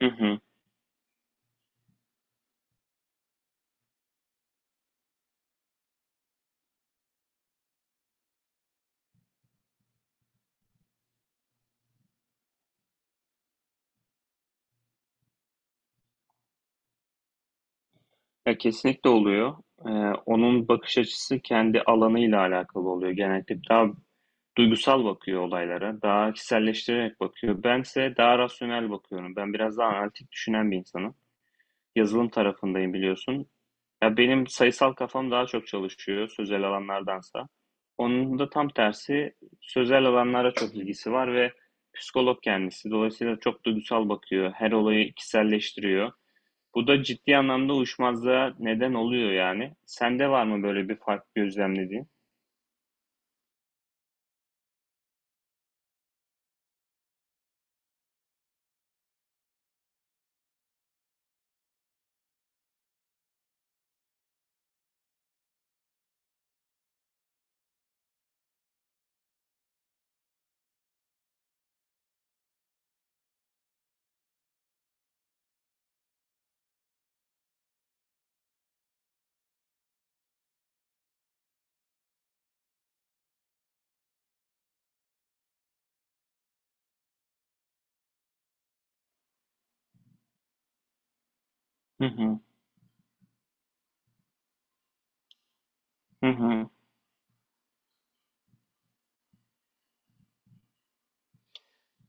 Hı hı. Ya kesinlikle oluyor. Ee, Onun bakış açısı kendi alanıyla alakalı oluyor. Genellikle daha duygusal bakıyor olaylara, daha kişiselleştirerek bakıyor. Bense daha rasyonel bakıyorum. Ben biraz daha analitik düşünen bir insanım. Yazılım tarafındayım biliyorsun. Ya benim sayısal kafam daha çok çalışıyor sözel alanlardansa. Onun da tam tersi, sözel alanlara çok ilgisi var ve psikolog kendisi. Dolayısıyla çok duygusal bakıyor. Her olayı kişiselleştiriyor. Bu da ciddi anlamda uyuşmazlığa neden oluyor yani. Sende var mı böyle bir fark gözlemlediğin? Hı hı. Hı hı.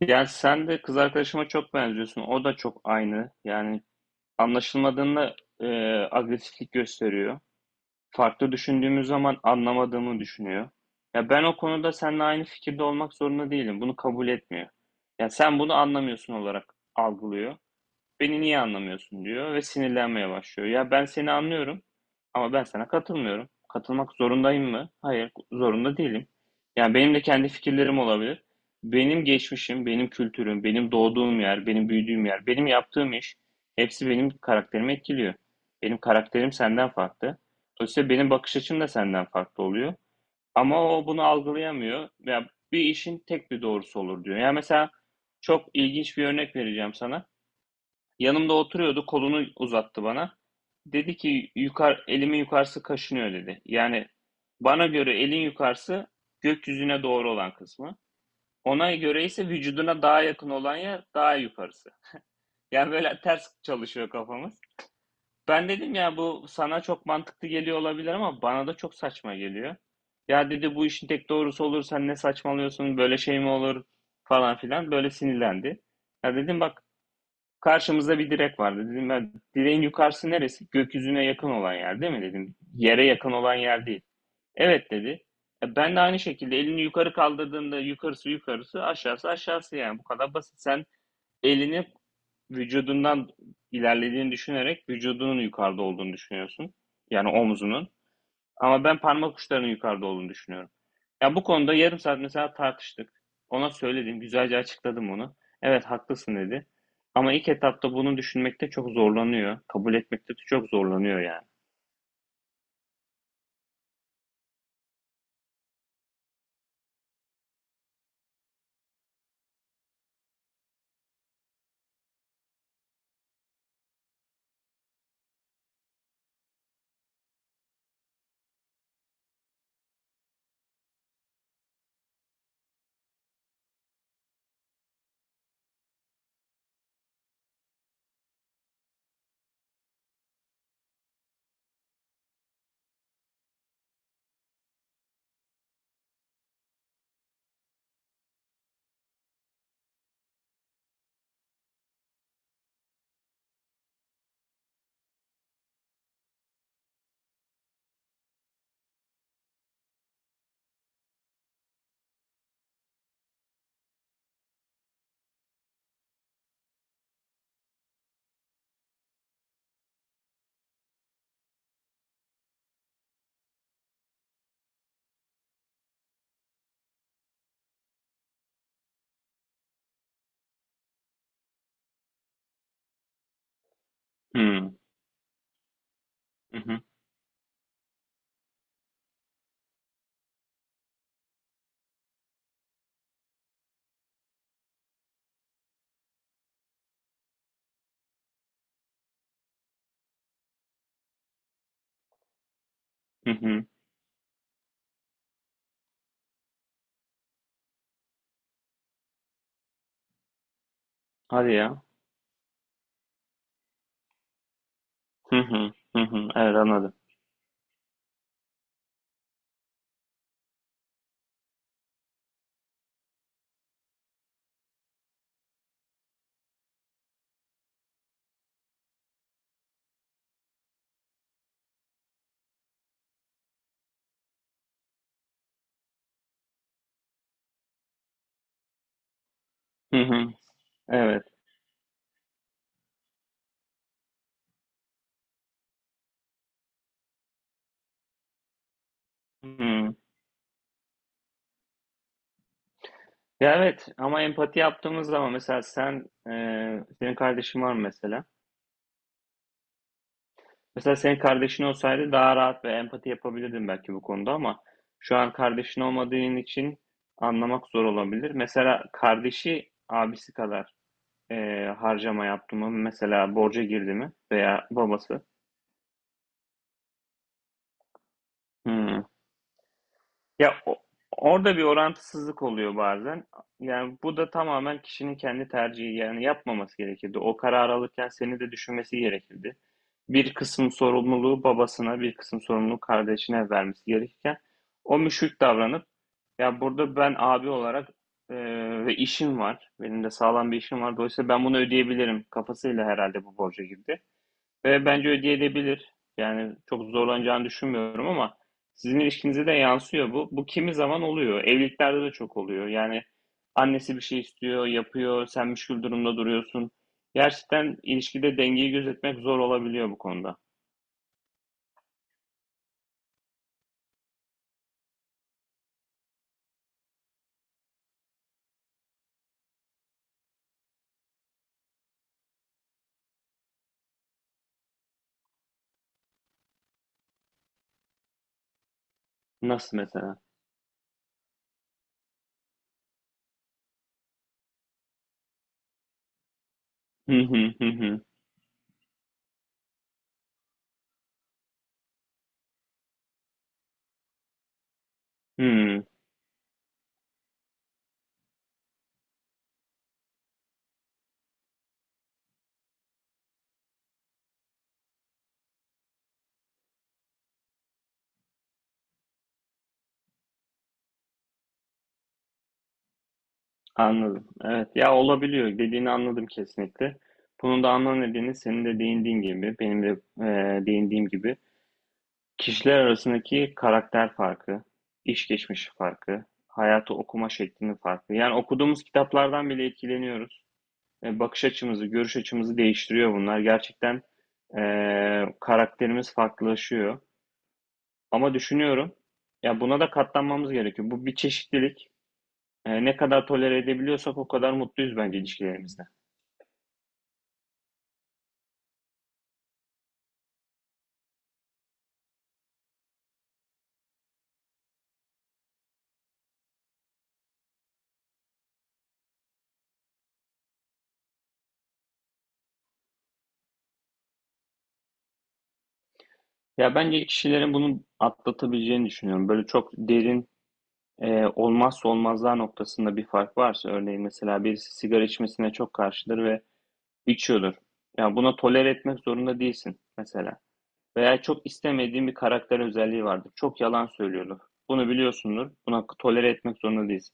Ya sen de kız arkadaşıma çok benziyorsun. O da çok aynı. Yani anlaşılmadığında agresiflik gösteriyor. Farklı düşündüğümüz zaman anlamadığımı düşünüyor. Ya ben o konuda seninle aynı fikirde olmak zorunda değilim. Bunu kabul etmiyor. "Ya sen bunu anlamıyorsun" olarak algılıyor. "Beni niye anlamıyorsun?" diyor ve sinirlenmeye başlıyor. Ya ben seni anlıyorum ama ben sana katılmıyorum. Katılmak zorundayım mı? Hayır, zorunda değilim. Yani benim de kendi fikirlerim olabilir. Benim geçmişim, benim kültürüm, benim doğduğum yer, benim büyüdüğüm yer, benim yaptığım iş, hepsi benim karakterimi etkiliyor. Benim karakterim senden farklı. Dolayısıyla benim bakış açım da senden farklı oluyor. Ama o bunu algılayamıyor. Ya bir işin tek bir doğrusu olur diyor. Ya mesela çok ilginç bir örnek vereceğim sana. Yanımda oturuyordu, kolunu uzattı bana. Dedi ki elimin yukarısı kaşınıyor dedi. Yani bana göre elin yukarısı gökyüzüne doğru olan kısmı. Ona göre ise vücuduna daha yakın olan yer daha yukarısı. Yani böyle ters çalışıyor kafamız. Ben dedim ya bu sana çok mantıklı geliyor olabilir ama bana da çok saçma geliyor. Ya dedi bu işin tek doğrusu olur, sen ne saçmalıyorsun, böyle şey mi olur falan filan, böyle sinirlendi. Ya dedim bak, karşımızda bir direk vardı. Dedim ben, direğin yukarısı neresi? Gökyüzüne yakın olan yer değil mi dedim. Yere yakın olan yer değil. Evet dedi. E, ben de aynı şekilde elini yukarı kaldırdığında yukarısı yukarısı, aşağısı aşağısı, yani bu kadar basit. Sen elini vücudundan ilerlediğini düşünerek vücudunun yukarıda olduğunu düşünüyorsun. Yani omzunun. Ama ben parmak uçlarının yukarıda olduğunu düşünüyorum. Ya bu konuda yarım saat mesela tartıştık. Ona söyledim, güzelce açıkladım onu. Evet haklısın dedi. Ama ilk etapta bunu düşünmekte çok zorlanıyor. Kabul etmekte de çok zorlanıyor yani. Hmm. Hı hı. Hı hı. Hadi ya. Hı hı. Hı hı. Evet anladım. Hı hı. Evet. Hı. Ya evet, ama empati yaptığımız zaman mesela sen, senin kardeşin var mı mesela? Mesela senin kardeşin olsaydı daha rahat ve empati yapabilirdin belki bu konuda ama şu an kardeşin olmadığın için anlamak zor olabilir. Mesela kardeşi abisi kadar harcama yaptı mı? Mesela borca girdi mi? Veya babası? Hmm. Ya o- Orada bir orantısızlık oluyor bazen. Yani bu da tamamen kişinin kendi tercihi. Yani yapmaması gerekirdi. O karar alırken seni de düşünmesi gerekirdi. Bir kısım sorumluluğu babasına, bir kısım sorumluluğu kardeşine vermesi gerekirken o müşrik davranıp ya, burada ben abi olarak e, ve işim var. Benim de sağlam bir işim var. Dolayısıyla ben bunu ödeyebilirim kafasıyla herhalde bu borca girdi. Ve bence ödeyebilir. Yani çok zorlanacağını düşünmüyorum ama sizin ilişkinize de yansıyor bu. Bu kimi zaman oluyor. Evliliklerde de çok oluyor. Yani annesi bir şey istiyor, yapıyor, sen müşkül durumda duruyorsun. Gerçekten ilişkide dengeyi gözetmek zor olabiliyor bu konuda. Nasıl mesela? Hı hı hı hı. Hı, anladım. Evet ya, olabiliyor. Dediğini anladım kesinlikle. Bunun da ana nedeni senin de değindiğin gibi, benim de e, değindiğim gibi. Kişiler arasındaki karakter farkı, iş geçmişi farkı, hayatı okuma şeklinin farkı. Yani okuduğumuz kitaplardan bile etkileniyoruz. E, bakış açımızı, görüş açımızı değiştiriyor bunlar. Gerçekten e, karakterimiz farklılaşıyor. Ama düşünüyorum, ya buna da katlanmamız gerekiyor. Bu bir çeşitlilik. E, ne kadar tolere edebiliyorsak o kadar mutluyuz bence ilişkilerimizde. Ya bence kişilerin bunu atlatabileceğini düşünüyorum. Böyle çok derin. Olmazsa olmazlar noktasında bir fark varsa, örneğin mesela birisi sigara içmesine çok karşıdır ve içiyordur. Yani buna tolere etmek zorunda değilsin mesela. Veya çok istemediğin bir karakter özelliği vardır. Çok yalan söylüyordur. Bunu biliyorsundur. Buna tolere etmek zorunda değilsin.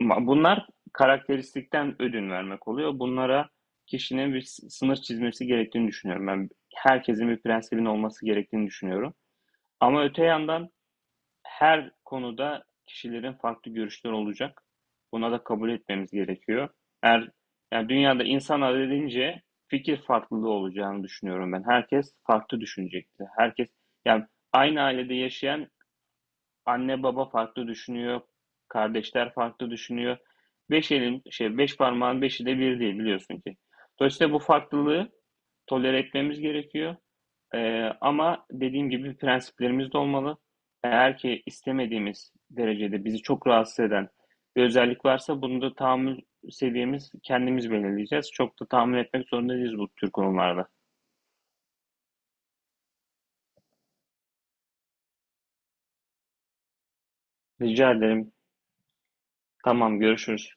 Bunlar karakteristikten ödün vermek oluyor. Bunlara kişinin bir sınır çizmesi gerektiğini düşünüyorum. Ben herkesin bir prensibinin olması gerektiğini düşünüyorum. Ama öte yandan her konuda kişilerin farklı görüşleri olacak. Buna da kabul etmemiz gerekiyor. Eğer, yani dünyada insanlar dediğince fikir farklılığı olacağını düşünüyorum ben. Herkes farklı düşünecekti. Herkes yani, aynı ailede yaşayan anne baba farklı düşünüyor, kardeşler farklı düşünüyor. Beş elin şey, beş parmağın beşi de bir değil biliyorsun ki. Dolayısıyla bu farklılığı tolere etmemiz gerekiyor. Ama dediğim gibi prensiplerimiz de olmalı. Eğer ki istemediğimiz derecede bizi çok rahatsız eden bir özellik varsa, bunu da tahammül seviyemiz kendimiz belirleyeceğiz. Çok da tahammül etmek zorunda değiliz bu tür konularda. Rica ederim. Tamam, görüşürüz.